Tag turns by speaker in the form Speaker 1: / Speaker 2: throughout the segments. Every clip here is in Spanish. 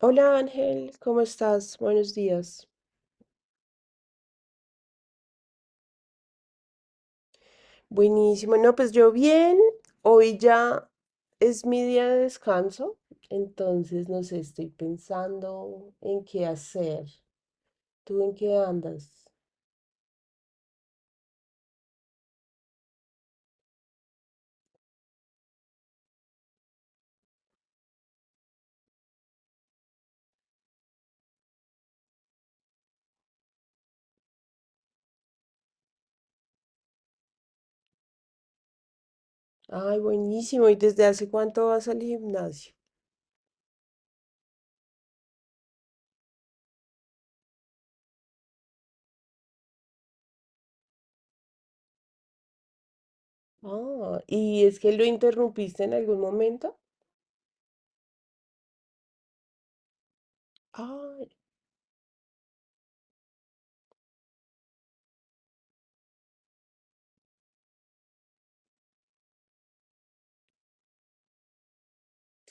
Speaker 1: Hola Ángel, ¿cómo estás? Buenos días. Buenísimo. No, pues yo bien. Hoy ya es mi día de descanso, entonces no sé, estoy pensando en qué hacer. ¿Tú en qué andas? Ay, buenísimo. ¿Y desde hace cuánto vas al gimnasio? Ah, ¿y es que lo interrumpiste en algún momento? Ay,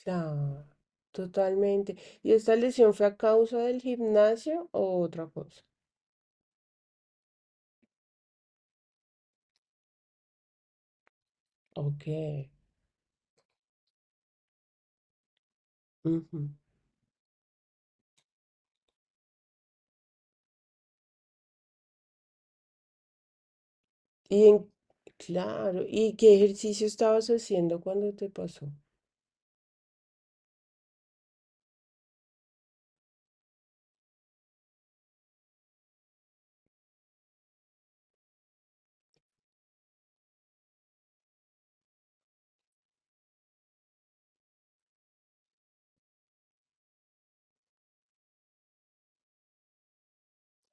Speaker 1: claro, totalmente. ¿Y esta lesión fue a causa del gimnasio o otra cosa? Ok. Ujú. Y en, claro, ¿y qué ejercicio estabas haciendo cuando te pasó?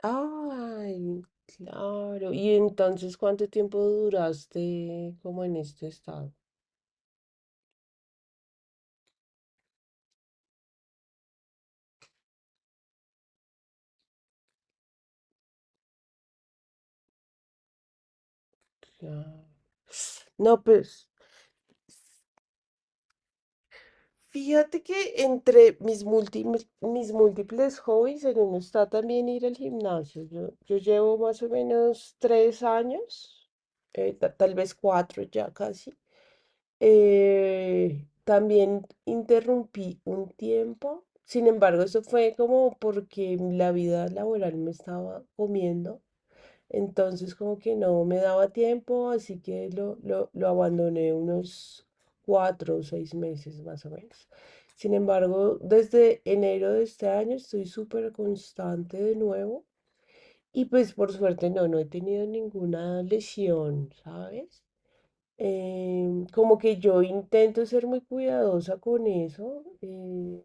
Speaker 1: Ay, claro. ¿Y entonces cuánto tiempo duraste como en este estado? Claro. No, pues fíjate que entre mis múltiples hobbies en uno está también ir al gimnasio. Yo llevo más o menos 3 años, tal vez cuatro ya casi. También interrumpí un tiempo, sin embargo, eso fue como porque la vida laboral me estaba comiendo, entonces como que no me daba tiempo, así que lo abandoné unos 4 o 6 meses más o menos. Sin embargo, desde enero de este año estoy súper constante de nuevo y pues por suerte no, no he tenido ninguna lesión, ¿sabes? Como que yo intento ser muy cuidadosa con eso, eh,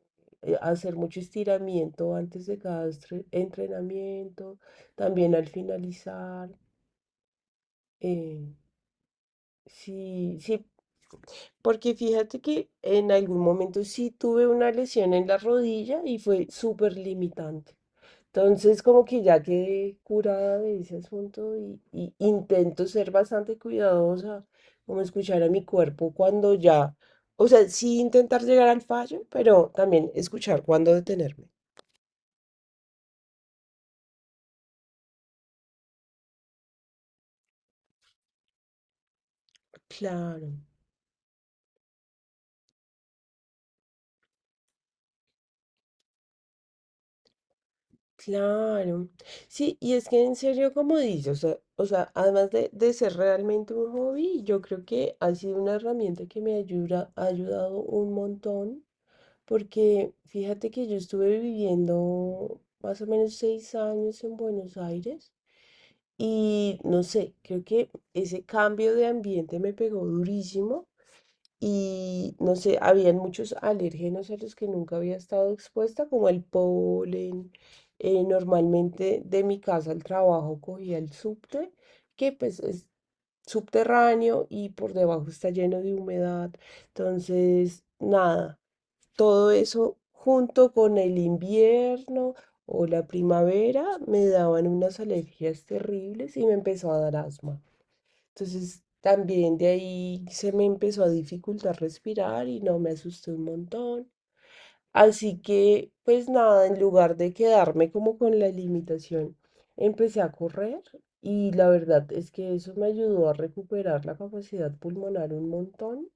Speaker 1: eh, hacer mucho estiramiento antes de cada entrenamiento, también al finalizar. eh, sí, sí, porque fíjate que en algún momento sí tuve una lesión en la rodilla y fue súper limitante. Entonces, como que ya quedé curada de ese asunto y intento ser bastante cuidadosa, como escuchar a mi cuerpo cuando ya, o sea, sí intentar llegar al fallo, pero también escuchar cuando detenerme. Claro, claro. Sí, y es que en serio, como dices, o sea, además de ser realmente un hobby, yo creo que ha sido una herramienta que me ayuda, ha ayudado un montón. Porque fíjate que yo estuve viviendo más o menos 6 años en Buenos Aires y no sé, creo que ese cambio de ambiente me pegó durísimo y no sé, habían muchos alérgenos a los que nunca había estado expuesta, como el polen. Normalmente de mi casa al trabajo cogía el subte, que pues es subterráneo y por debajo está lleno de humedad. Entonces, nada. Todo eso junto con el invierno o la primavera me daban unas alergias terribles y me empezó a dar asma. Entonces también de ahí se me empezó a dificultar respirar y no me asusté un montón. Así que pues nada, en lugar de quedarme como con la limitación, empecé a correr y la verdad es que eso me ayudó a recuperar la capacidad pulmonar un montón.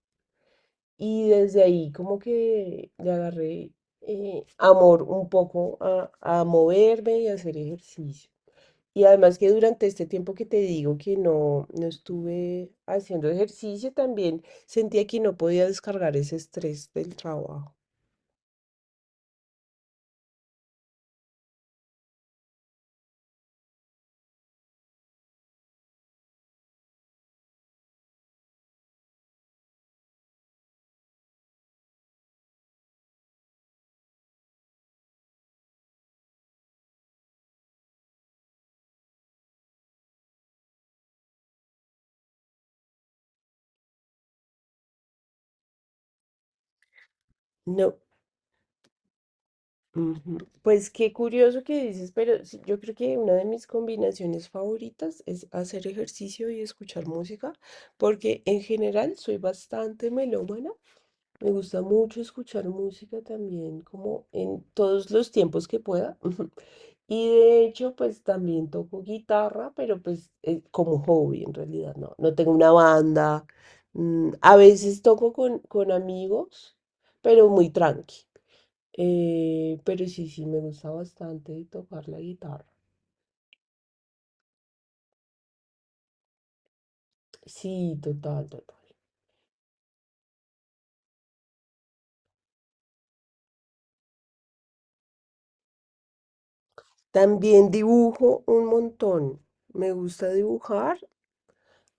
Speaker 1: Y desde ahí como que le agarré amor un poco a, moverme y a hacer ejercicio. Y además que durante este tiempo que te digo que no, no estuve haciendo ejercicio, también sentía que no podía descargar ese estrés del trabajo. No. Ujú. Pues qué curioso que dices, pero sí, yo creo que una de mis combinaciones favoritas es hacer ejercicio y escuchar música, porque en general soy bastante melómana. Me gusta mucho escuchar música también, como en todos los tiempos que pueda. Y de hecho, pues también toco guitarra, pero pues como hobby en realidad, no, no tengo una banda. Mm, a veces toco con amigos, pero muy tranqui. Pero sí, sí, me gusta bastante tocar la guitarra. Sí, total, total. También dibujo un montón. Me gusta dibujar.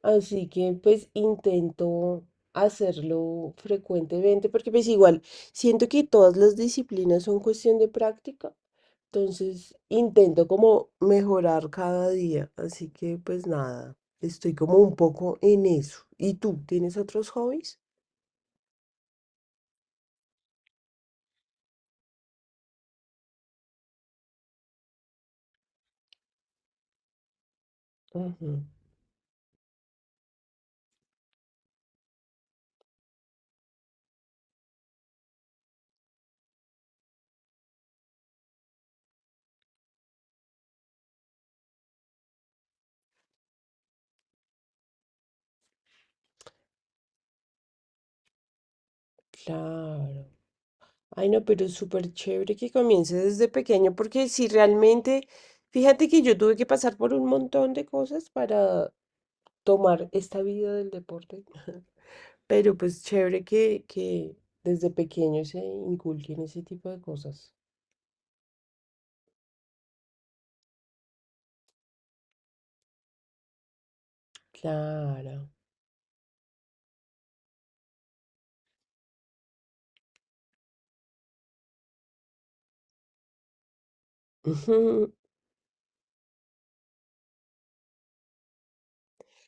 Speaker 1: Así que pues intento hacerlo frecuentemente porque pues igual siento que todas las disciplinas son cuestión de práctica, entonces intento como mejorar cada día, así que pues nada, estoy como un poco en eso. ¿Y tú tienes otros hobbies? Ujú, claro. Ay, no, pero es súper chévere que comience desde pequeño porque si realmente, fíjate que yo tuve que pasar por un montón de cosas para tomar esta vida del deporte. Pero pues chévere que desde pequeño se inculquen ese tipo de cosas. Claro. Ujú.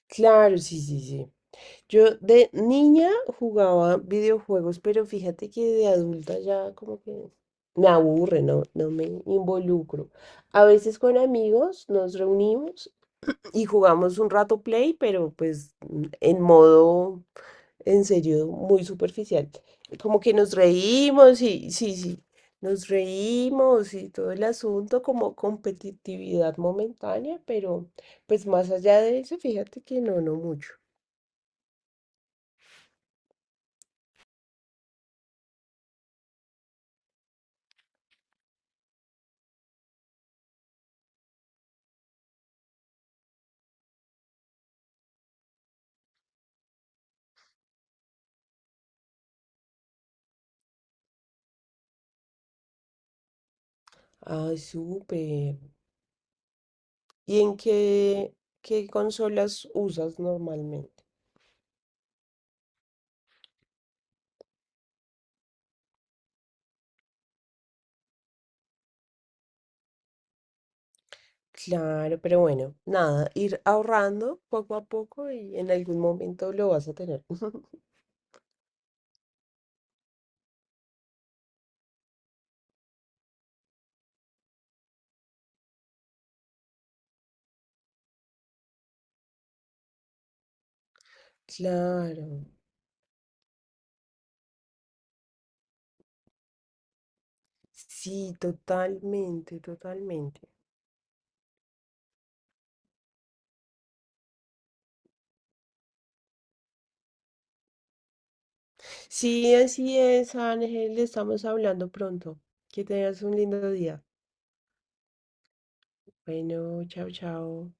Speaker 1: Claro, sí, sí, sí. Yo de niña jugaba videojuegos, pero fíjate que de adulta ya como que me aburre, no, no me involucro. A veces con amigos nos reunimos y jugamos un rato play, pero pues en modo en serio muy superficial. Como que nos reímos y sí, sí, nos reímos y todo el asunto como competitividad momentánea, pero pues más allá de eso, fíjate que no, no mucho. Ah, súper. ¿Y en qué, qué consolas usas normalmente? Claro, pero bueno, nada, ir ahorrando poco a poco y en algún momento lo vas a tener. Claro, sí, totalmente, totalmente. Sí, así es, Ángel, estamos hablando pronto. Que tengas un lindo día. Bueno, chao, chao.